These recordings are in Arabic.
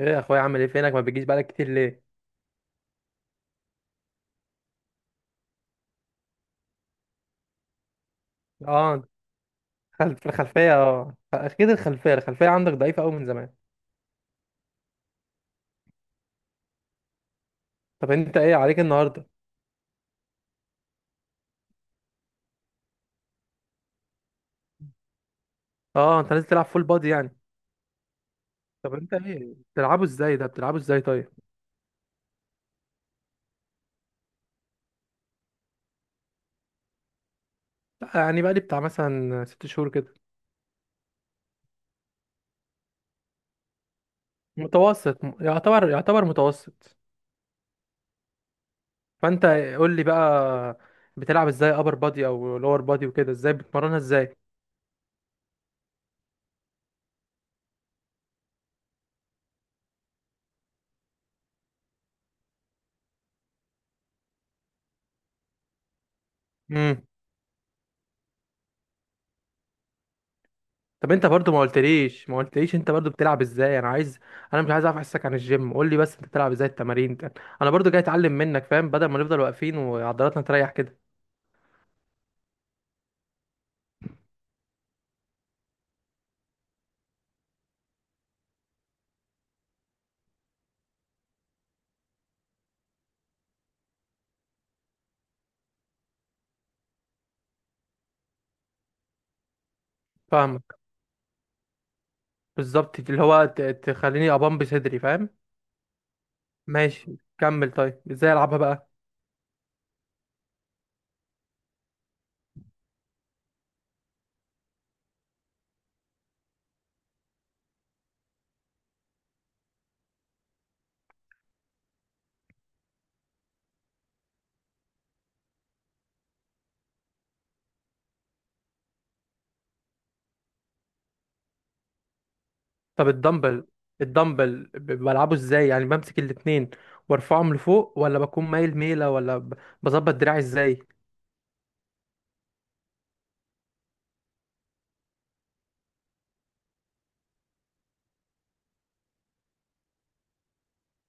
ايه يا اخويا عامل ايه؟ فينك؟ ما بتجيش بقالك كتير، ليه؟ اه انت، في الخلفيه. اه اكيد الخلفيه، الخلفيه عندك ضعيفه قوي من زمان. طب انت ايه عليك النهارده؟ اه انت لازم تلعب فول بادي يعني. طب انت ايه بتلعبه؟ ازاي بتلعبه طيب؟ لا يعني بقالي بتاع مثلا ست شهور كده. متوسط، يعتبر متوسط. فانت قول لي بقى، بتلعب ازاي ابر بادي او لور بادي وكده؟ ازاي بتمرنها ازاي؟ طب انت برضو ما قلتليش، انت برضو بتلعب ازاي؟ انا عايز، انا مش عايز اعرف احسك عن الجيم، قول لي بس انت بتلعب ازاي التمارين ده. انا برضو جاي اتعلم منك، فاهم؟ بدل ما نفضل واقفين وعضلاتنا تريح كده. فاهمك بالظبط، اللي هو تخليني ابامب صدري، فاهم. ماشي كمل طيب، ازاي العبها بقى؟ طب الدمبل، الدمبل بلعبه ازاي؟ يعني بمسك الاتنين وارفعهم لفوق، ولا بكون مايل ميلة، ولا بظبط دراعي ازاي؟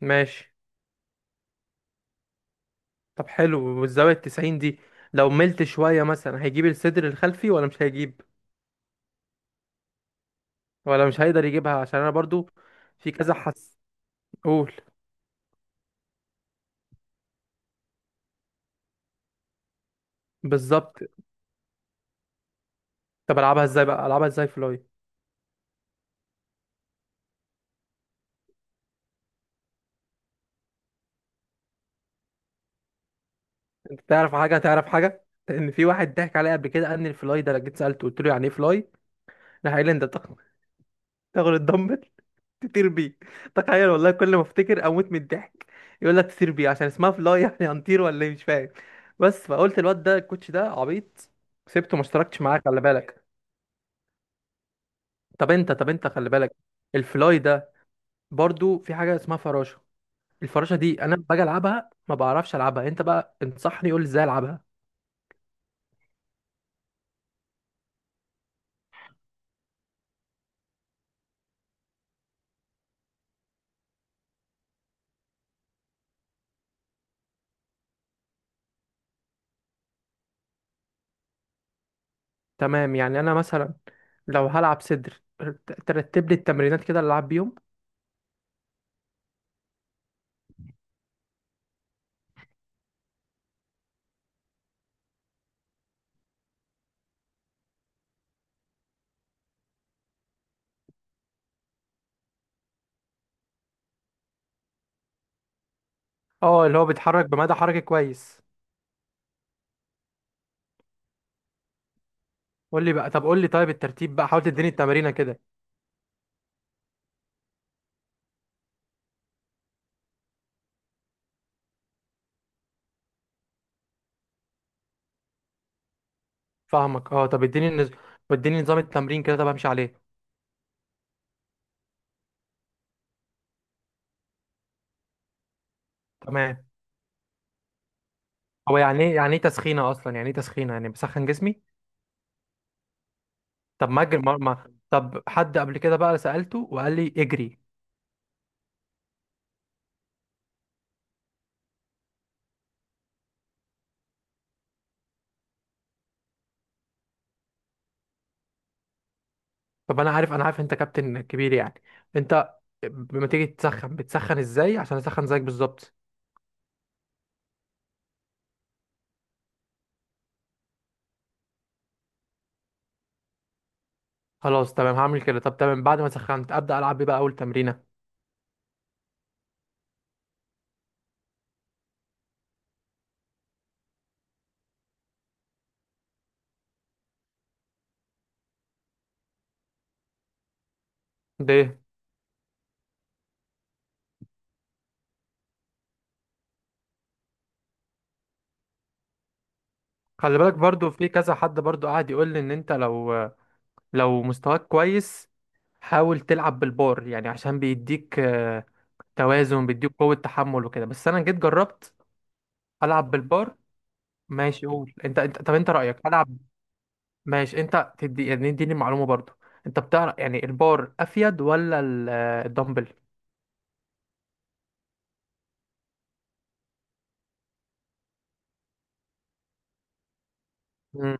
ماشي. طب حلو، والزاوية التسعين دي لو ملت شوية مثلا هيجيب الصدر الخلفي ولا مش هيجيب، ولا مش هيقدر يجيبها؟ عشان انا برضو في كذا حس. قول. بالظبط. طب العبها ازاي بقى؟ العبها ازاي فلاي؟ انت تعرف حاجة؟ تعرف حاجة؟ لان في واحد ضحك عليا قبل كده، قال لي الفلاي ده، لو جيت سألته قلت له يعني ايه فلاي، راح قال لي انت تاخد، تاخد الدمبل تطير بيه. تخيل والله، كل ما افتكر اموت من الضحك. يقول لك تطير بيه عشان اسمها فلاي يعني هنطير ولا ايه؟ مش فاهم. بس فقلت الواد ده الكوتش ده عبيط، سبته ما اشتركتش معاه. خلي بالك. طب انت، طب انت خلي بالك، الفلاي ده. برضو في حاجه اسمها فراشه، الفراشه دي انا باجي العبها ما بعرفش العبها، انت بقى انصحني قول لي ازاي العبها. تمام يعني انا مثلا لو هلعب صدر، ترتب لي التمرينات كده اللي العب بيهم. اه اللي هو بيتحرك بمدى حركي كويس. قول لي بقى، طب قول لي طيب الترتيب بقى، حاول تديني التمرينه كده. فاهمك اه. طب اديني نظام التمرين كده طب، امشي عليه. تمام. هو يعني ايه، يعني ايه تسخينه اصلا؟ يعني ايه تسخينه؟ يعني بسخن جسمي؟ طب ما اجري، طب حد قبل كده بقى سألته وقال لي اجري. طب انا عارف، انا عارف انت كابتن كبير يعني، انت لما تيجي تسخن بتسخن ازاي؟ عشان اسخن زيك بالظبط. خلاص تمام هعمل كده. طب تمام، بعد ما سخنت ابدا العب بيه بقى اول تمرينه؟ ده إيه؟ خلي بالك برضو في كذا حد برضو قاعد يقول لي ان انت لو، لو مستواك كويس حاول تلعب بالبار، يعني عشان بيديك توازن، بيديك قوة تحمل وكده. بس انا جيت جربت العب بالبار. ماشي، قول انت، انت طب انت رأيك العب؟ ماشي، انت تدي يعني اديني معلومة برضو، انت بتعرف يعني، البار افيد ولا الدمبل؟ مم.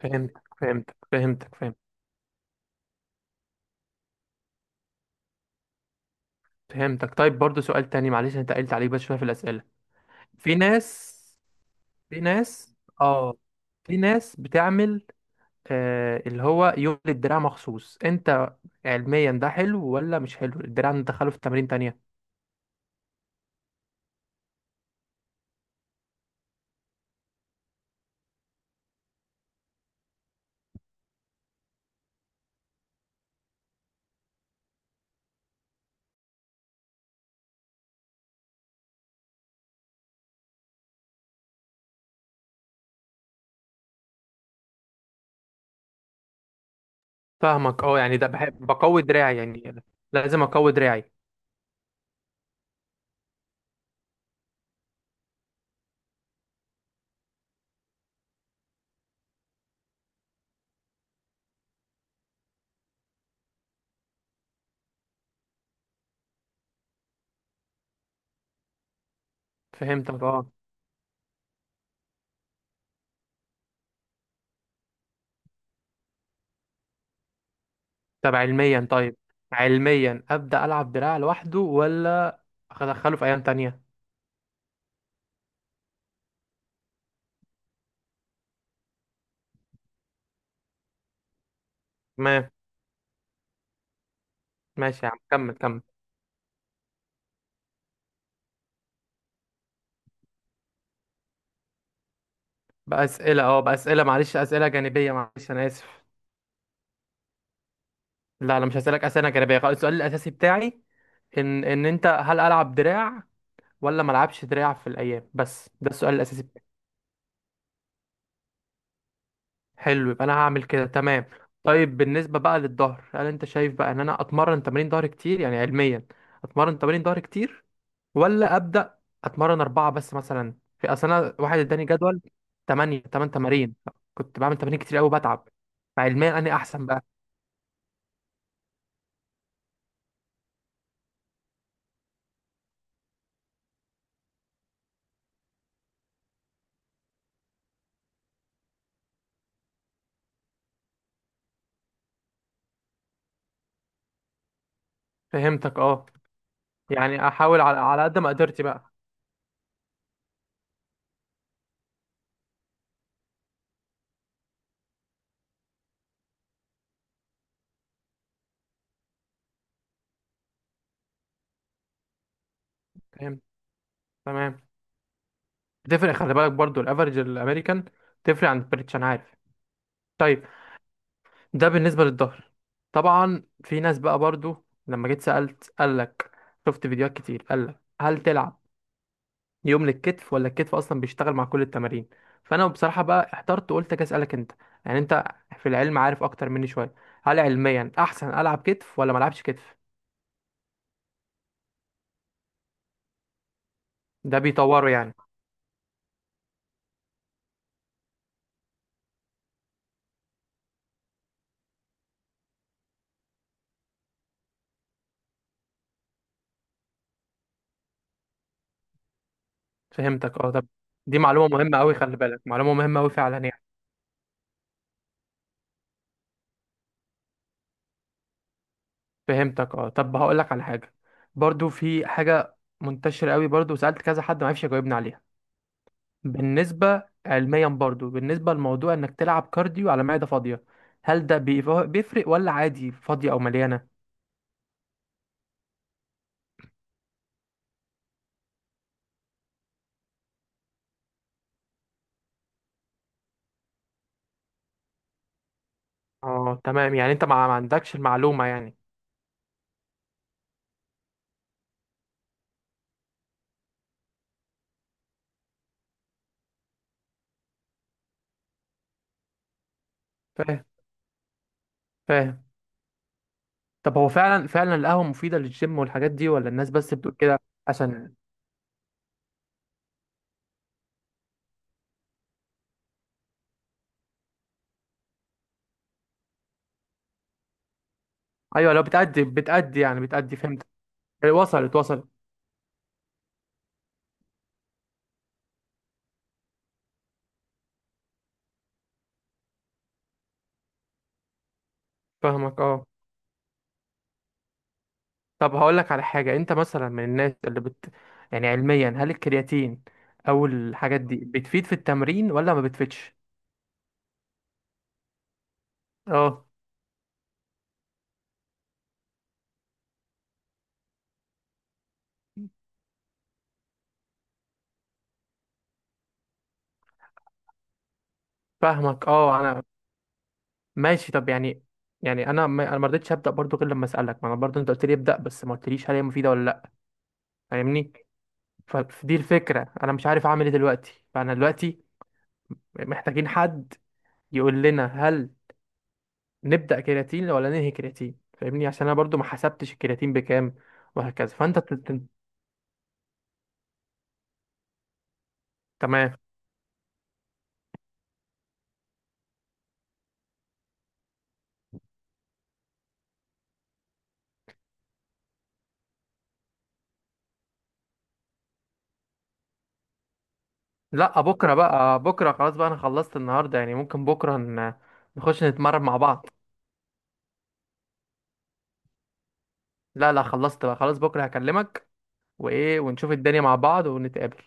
فهمتك فهمتك. طيب برضو سؤال تاني، معلش انت قلت عليك بس شوية في الأسئلة. في ناس، في ناس اه في ناس بتعمل اللي هو يوم للدراع مخصوص، انت علميا ده حلو ولا مش حلو؟ الدراع ندخله في تمارين تانية؟ فاهمك اه. يعني ده بحب بقوي دراعي يعني، لازم اقوي دراعي. فهمتك اه. طب علميا طيب، علميا ابدا العب دراع لوحده، ولا ادخله في ايام تانية؟ تمام. ماشي يا عم، كمل. باسئله، اه باسئله، معلش اسئله جانبيه، معلش انا اسف. لا انا مش هسالك اسئله جانبيه خالص، السؤال الاساسي بتاعي ان ان انت هل العب دراع ولا ما العبش دراع في الايام، بس ده السؤال الاساسي بتاعي. حلو، يبقى انا هعمل كده تمام. طيب بالنسبه بقى للظهر، هل انت شايف بقى ان انا اتمرن تمارين ظهر كتير يعني علميا؟ اتمرن تمارين ظهر كتير ولا ابدا؟ اتمرن اربعه بس مثلا؟ في اصل انا واحد اداني جدول 8 تمارين، كنت بعمل تمارين كتير قوي، بتعب. فعلميا انا احسن بقى؟ فهمتك اه. يعني احاول على، على قد ما قدرتي بقى. فهمت تمام، تفرق، خلي بالك برضو الافرج الامريكان تفرق عن البريتش انا عارف. طيب، ده بالنسبه للظهر. طبعا في ناس بقى برضو، لما جيت سالت قال لك، شفت فيديوهات كتير، قال لك هل تلعب يوم للكتف، ولا الكتف اصلا بيشتغل مع كل التمارين؟ فانا بصراحه بقى احترت وقلت اجي اسالك انت، يعني انت في العلم عارف اكتر مني شويه. هل علميا احسن العب كتف ولا ما العبش كتف؟ ده بيطوره يعني؟ فهمتك اه. طب دي معلومه مهمه قوي، خلي بالك معلومه مهمه قوي فعلا يعني. فهمتك اه. طب هقول لك على حاجه، برضو في حاجه منتشره قوي، برضو سالت كذا حد ما عرفش يجاوبني عليها. بالنسبه علميا برضو، بالنسبه لموضوع انك تلعب كارديو على معده فاضيه، هل ده بيفرق ولا عادي فاضيه او مليانه؟ اه تمام، يعني انت ما، ما عندكش المعلومة يعني. فاهم فاهم. طب هو فعلا، فعلا القهوة مفيدة للجيم والحاجات دي، ولا الناس بس بتقول كده؟ عشان. ايوه لو بتأدي، بتأدي، فهمت. وصلت. فاهمك اه. طب هقول لك على حاجة، انت مثلا من الناس اللي بت، يعني علميا هل الكرياتين او الحاجات دي بتفيد في التمرين ولا ما بتفيدش؟ اه. فاهمك اه انا. ماشي طب يعني، يعني انا ما، انا ما رضيتش ابدا برضو غير لما اسالك، ما انا برضو انت قلت لي ابدا بس ما قلتليش هل هي مفيده ولا لا، فاهمني؟ فدي الفكرة، أنا مش عارف أعمل إيه دلوقتي، فأنا دلوقتي محتاجين حد يقول لنا هل نبدأ كرياتين ولا ننهي كرياتين، فاهمني؟ عشان أنا برضو ما حسبتش الكرياتين بكام. وهكذا، فأنت تمام. لا بكرة بقى، بكرة خلاص بقى، أنا خلصت النهاردة يعني، ممكن بكرة نخش نتمرن مع بعض. لا لا، خلصت بقى خلاص، بكرة هكلمك وإيه، ونشوف الدنيا مع بعض ونتقابل.